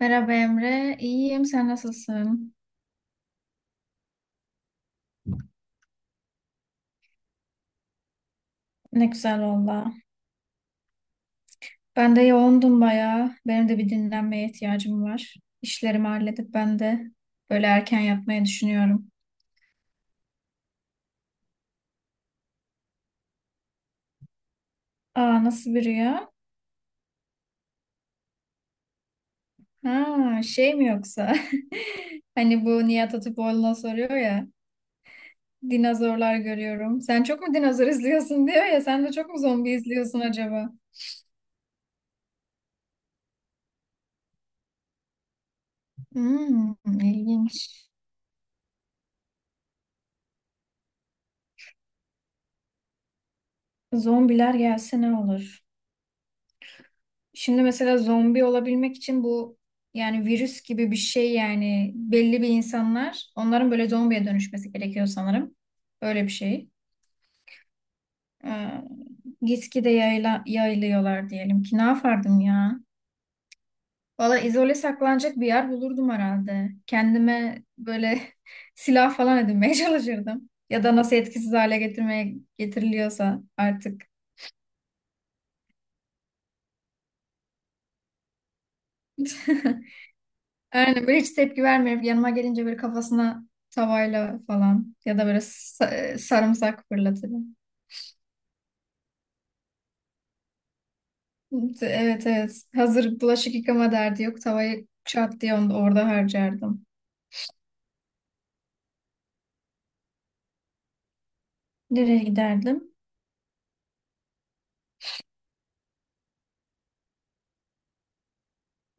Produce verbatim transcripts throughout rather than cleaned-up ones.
Merhaba Emre, iyiyim. Sen nasılsın? Ne güzel valla. Ben de yoğundum bayağı. Benim de bir dinlenmeye ihtiyacım var. İşlerimi halledip ben de böyle erken yatmayı düşünüyorum. Aa, nasıl bir rüya? Ha şey mi yoksa? Hani bu Nihat Hatipoğlu'na soruyor ya. Dinozorlar görüyorum. Sen çok mu dinozor izliyorsun diyor ya. Sen de çok mu zombi izliyorsun acaba? Hmm, ilginç. Zombiler gelse ne olur? Şimdi mesela zombi olabilmek için bu, yani virüs gibi bir şey, yani belli bir insanlar onların böyle zombiye dönüşmesi gerekiyor sanırım. Öyle bir şey. Ee, gitgide yayla, yayılıyorlar diyelim ki, ne yapardım ya? Valla izole saklanacak bir yer bulurdum herhalde. Kendime böyle silah falan edinmeye çalışırdım. Ya da nasıl etkisiz hale getirmeye getiriliyorsa artık. Aynen böyle hiç tepki vermiyor. Yanıma gelince böyle kafasına tavayla falan ya da böyle sa- sarımsak fırlatırım. Evet, evet. Hazır bulaşık yıkama derdi yok. Tavayı çat diye onu orada harcardım. Nereye giderdim?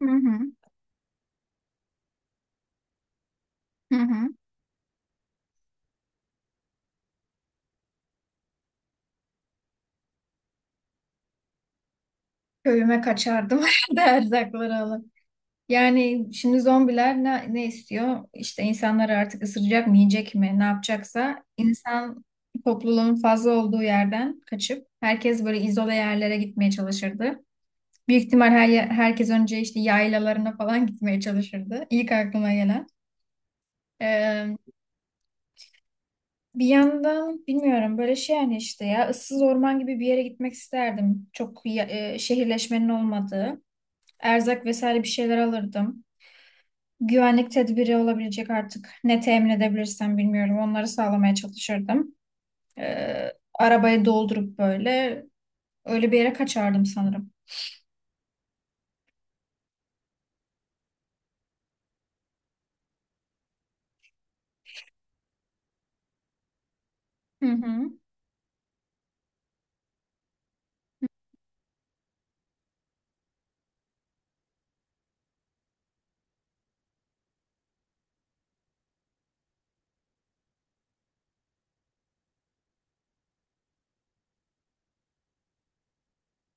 Hı hı. Hı hı. Köyüme kaçardım da erzakları alıp. Yani şimdi zombiler ne, ne istiyor? İşte insanlar artık ısıracak mı, yiyecek mi, ne yapacaksa, insan topluluğun fazla olduğu yerden kaçıp herkes böyle izole yerlere gitmeye çalışırdı. Büyük ihtimal her, herkes önce işte yaylalarına falan gitmeye çalışırdı. İlk aklıma gelen. Ee, Bir yandan bilmiyorum, böyle şey, yani işte ya ıssız orman gibi bir yere gitmek isterdim. Çok ya- e, şehirleşmenin olmadığı. Erzak vesaire bir şeyler alırdım. Güvenlik tedbiri olabilecek artık ne temin edebilirsem bilmiyorum. Onları sağlamaya çalışırdım. Ee, arabayı doldurup böyle öyle bir yere kaçardım sanırım. Hı hı.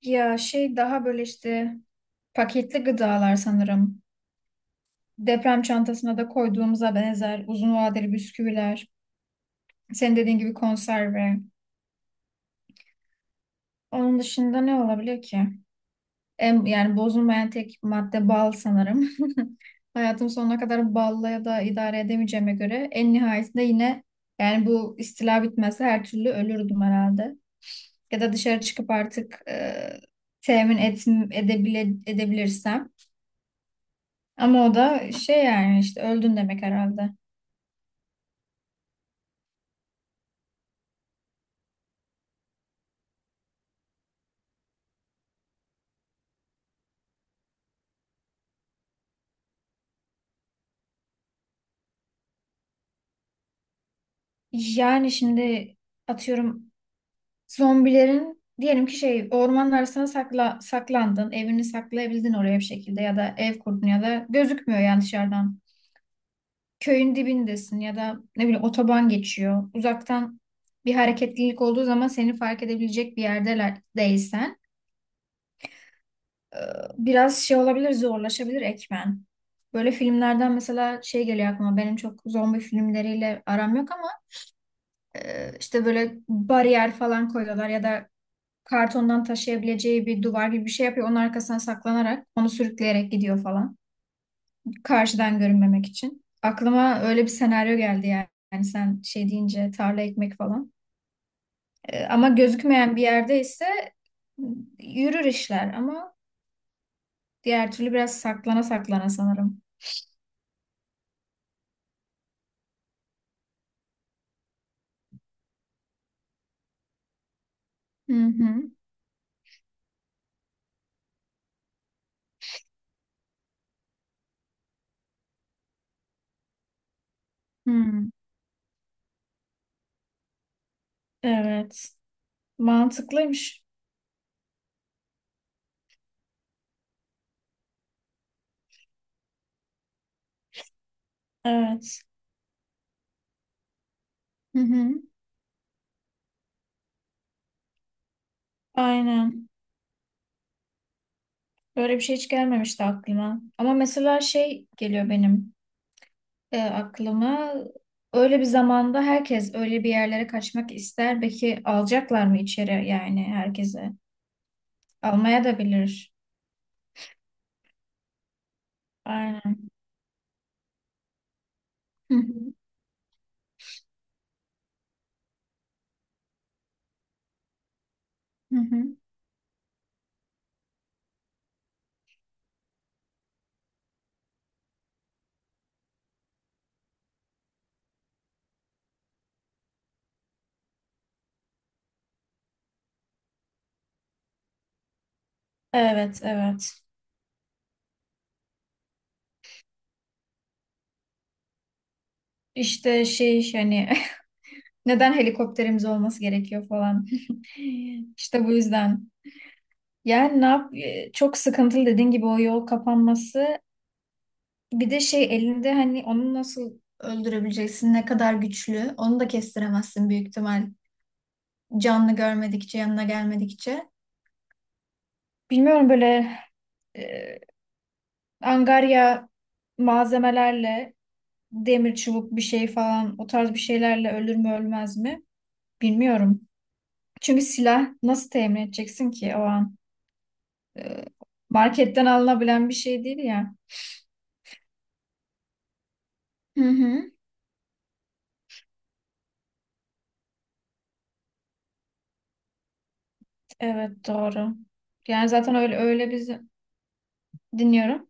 Ya şey, daha böyle işte paketli gıdalar sanırım. Deprem çantasına da koyduğumuza benzer uzun vadeli bisküviler, senin dediğin gibi konserve. Onun dışında ne olabilir ki? En, yani bozulmayan tek madde bal sanırım. Hayatım sonuna kadar balla ya da idare edemeyeceğime göre en nihayetinde yine, yani bu istila bitmezse her türlü ölürdüm herhalde. Ya da dışarı çıkıp artık e, temin et, edebile, edebilirsem. Ama o da şey, yani işte öldün demek herhalde. Yani şimdi atıyorum, zombilerin diyelim ki, şey, ormanın arasına sakla, saklandın. Evini saklayabildin oraya bir şekilde ya da ev kurdun ya da gözükmüyor yani dışarıdan. Köyün dibindesin ya da ne bileyim otoban geçiyor. Uzaktan bir hareketlilik olduğu zaman seni fark edebilecek bir yerdeler değilsen biraz şey olabilir, zorlaşabilir ekmen. Böyle filmlerden mesela şey geliyor aklıma, benim çok zombi filmleriyle aram yok ama e, işte böyle bariyer falan koyuyorlar ya da kartondan taşıyabileceği bir duvar gibi bir şey yapıyor. Onun arkasına saklanarak onu sürükleyerek gidiyor falan. Karşıdan görünmemek için. Aklıma öyle bir senaryo geldi yani. Yani sen şey deyince, tarla ekmek falan. Ee, ama gözükmeyen bir yerde ise yürür işler, ama diğer türlü biraz saklana saklana sanırım. Hı hı. Hı. Evet. Mantıklıymış. Evet. Hı hı. Aynen. Böyle bir şey hiç gelmemişti aklıma. Ama mesela şey geliyor benim e, aklıma. Öyle bir zamanda herkes öyle bir yerlere kaçmak ister. Belki alacaklar mı içeri, yani herkese? Almaya da bilir. Aynen. Hı hı, hı hı. Evet, evet. İşte şey, hani neden helikopterimiz olması gerekiyor falan. İşte bu yüzden. Yani ne yap e, çok sıkıntılı dediğin gibi o yol kapanması. Bir de şey elinde, hani onu nasıl öldürebileceksin? Ne kadar güçlü? Onu da kestiremezsin büyük ihtimal. Canlı görmedikçe, yanına gelmedikçe. Bilmiyorum, böyle e, angarya malzemelerle, demir çubuk bir şey falan, o tarz bir şeylerle ölür mü ölmez mi bilmiyorum. Çünkü silah nasıl temin edeceksin ki o an? Marketten alınabilen bir şey değil ya. Hı hı. Evet, doğru. Yani zaten öyle öyle biz dinliyorum.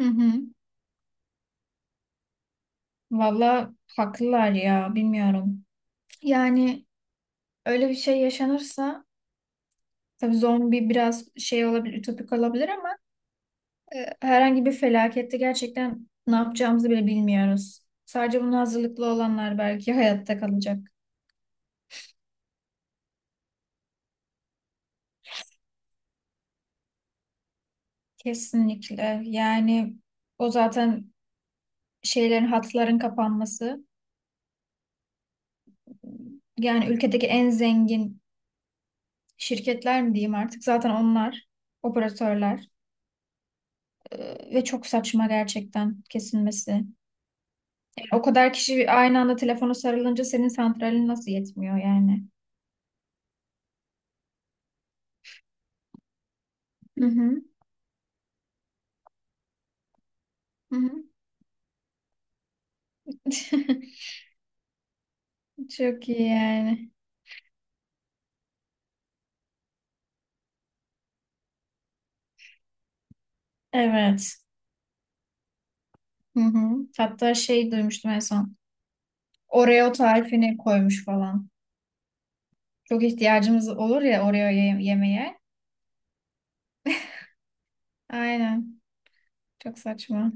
Hı hı. Valla haklılar ya, bilmiyorum. Yani öyle bir şey yaşanırsa, tabii zombi biraz şey olabilir, ütopik olabilir, ama e, herhangi bir felakette gerçekten ne yapacağımızı bile bilmiyoruz. Sadece buna hazırlıklı olanlar belki hayatta kalacak. Kesinlikle. Yani o zaten şeylerin, hatların kapanması. Yani ülkedeki en zengin şirketler mi diyeyim artık? Zaten onlar operatörler. E, ve çok saçma gerçekten kesilmesi. Yani o kadar kişi aynı anda telefona sarılınca senin santralin nasıl yetmiyor yani? Hı hı. Hı hı. Çok iyi yani. Evet. Hı hı. Hatta şey duymuştum en son. Oreo tarifini koymuş falan. Çok ihtiyacımız olur ya Oreo ye- yemeye. Aynen. Çok saçma.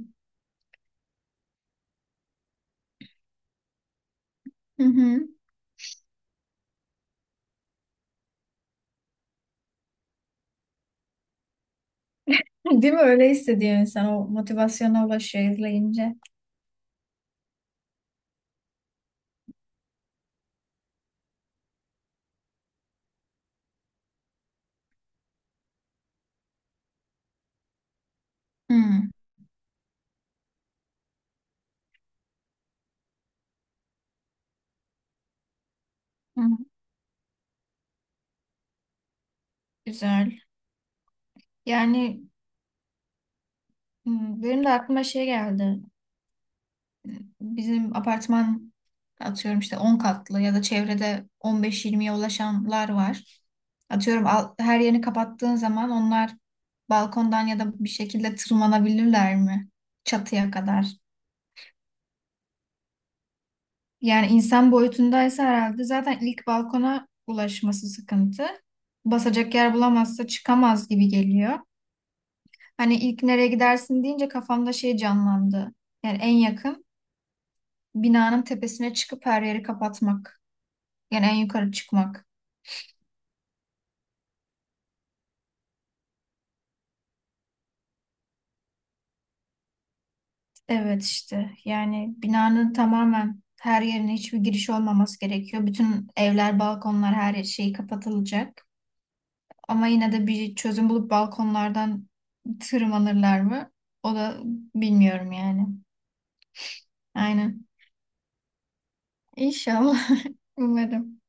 Hı hı. Değil mi? Öyle hissediyor insan. O motivasyona ulaşıyor izleyince. Hı. Hı. Güzel. Yani, hı, benim de aklıma şey geldi. Bizim apartman atıyorum işte on katlı, ya da çevrede on beş yirmiye ulaşanlar var. Atıyorum, al- her yerini kapattığın zaman onlar balkondan ya da bir şekilde tırmanabilirler mi? Çatıya kadar. Yani insan boyutundaysa herhalde zaten ilk balkona ulaşması sıkıntı. Basacak yer bulamazsa çıkamaz gibi geliyor. Hani ilk nereye gidersin deyince kafamda şey canlandı. Yani en yakın binanın tepesine çıkıp her yeri kapatmak. Yani en yukarı çıkmak. Evet, işte yani binanın tamamen her yerine hiçbir giriş olmaması gerekiyor. Bütün evler, balkonlar, her şey kapatılacak. Ama yine de bir çözüm bulup balkonlardan tırmanırlar mı? O da, bilmiyorum yani. Aynen. İnşallah. Umarım.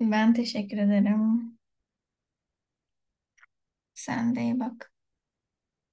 Ben teşekkür ederim. Sen de iyi bak.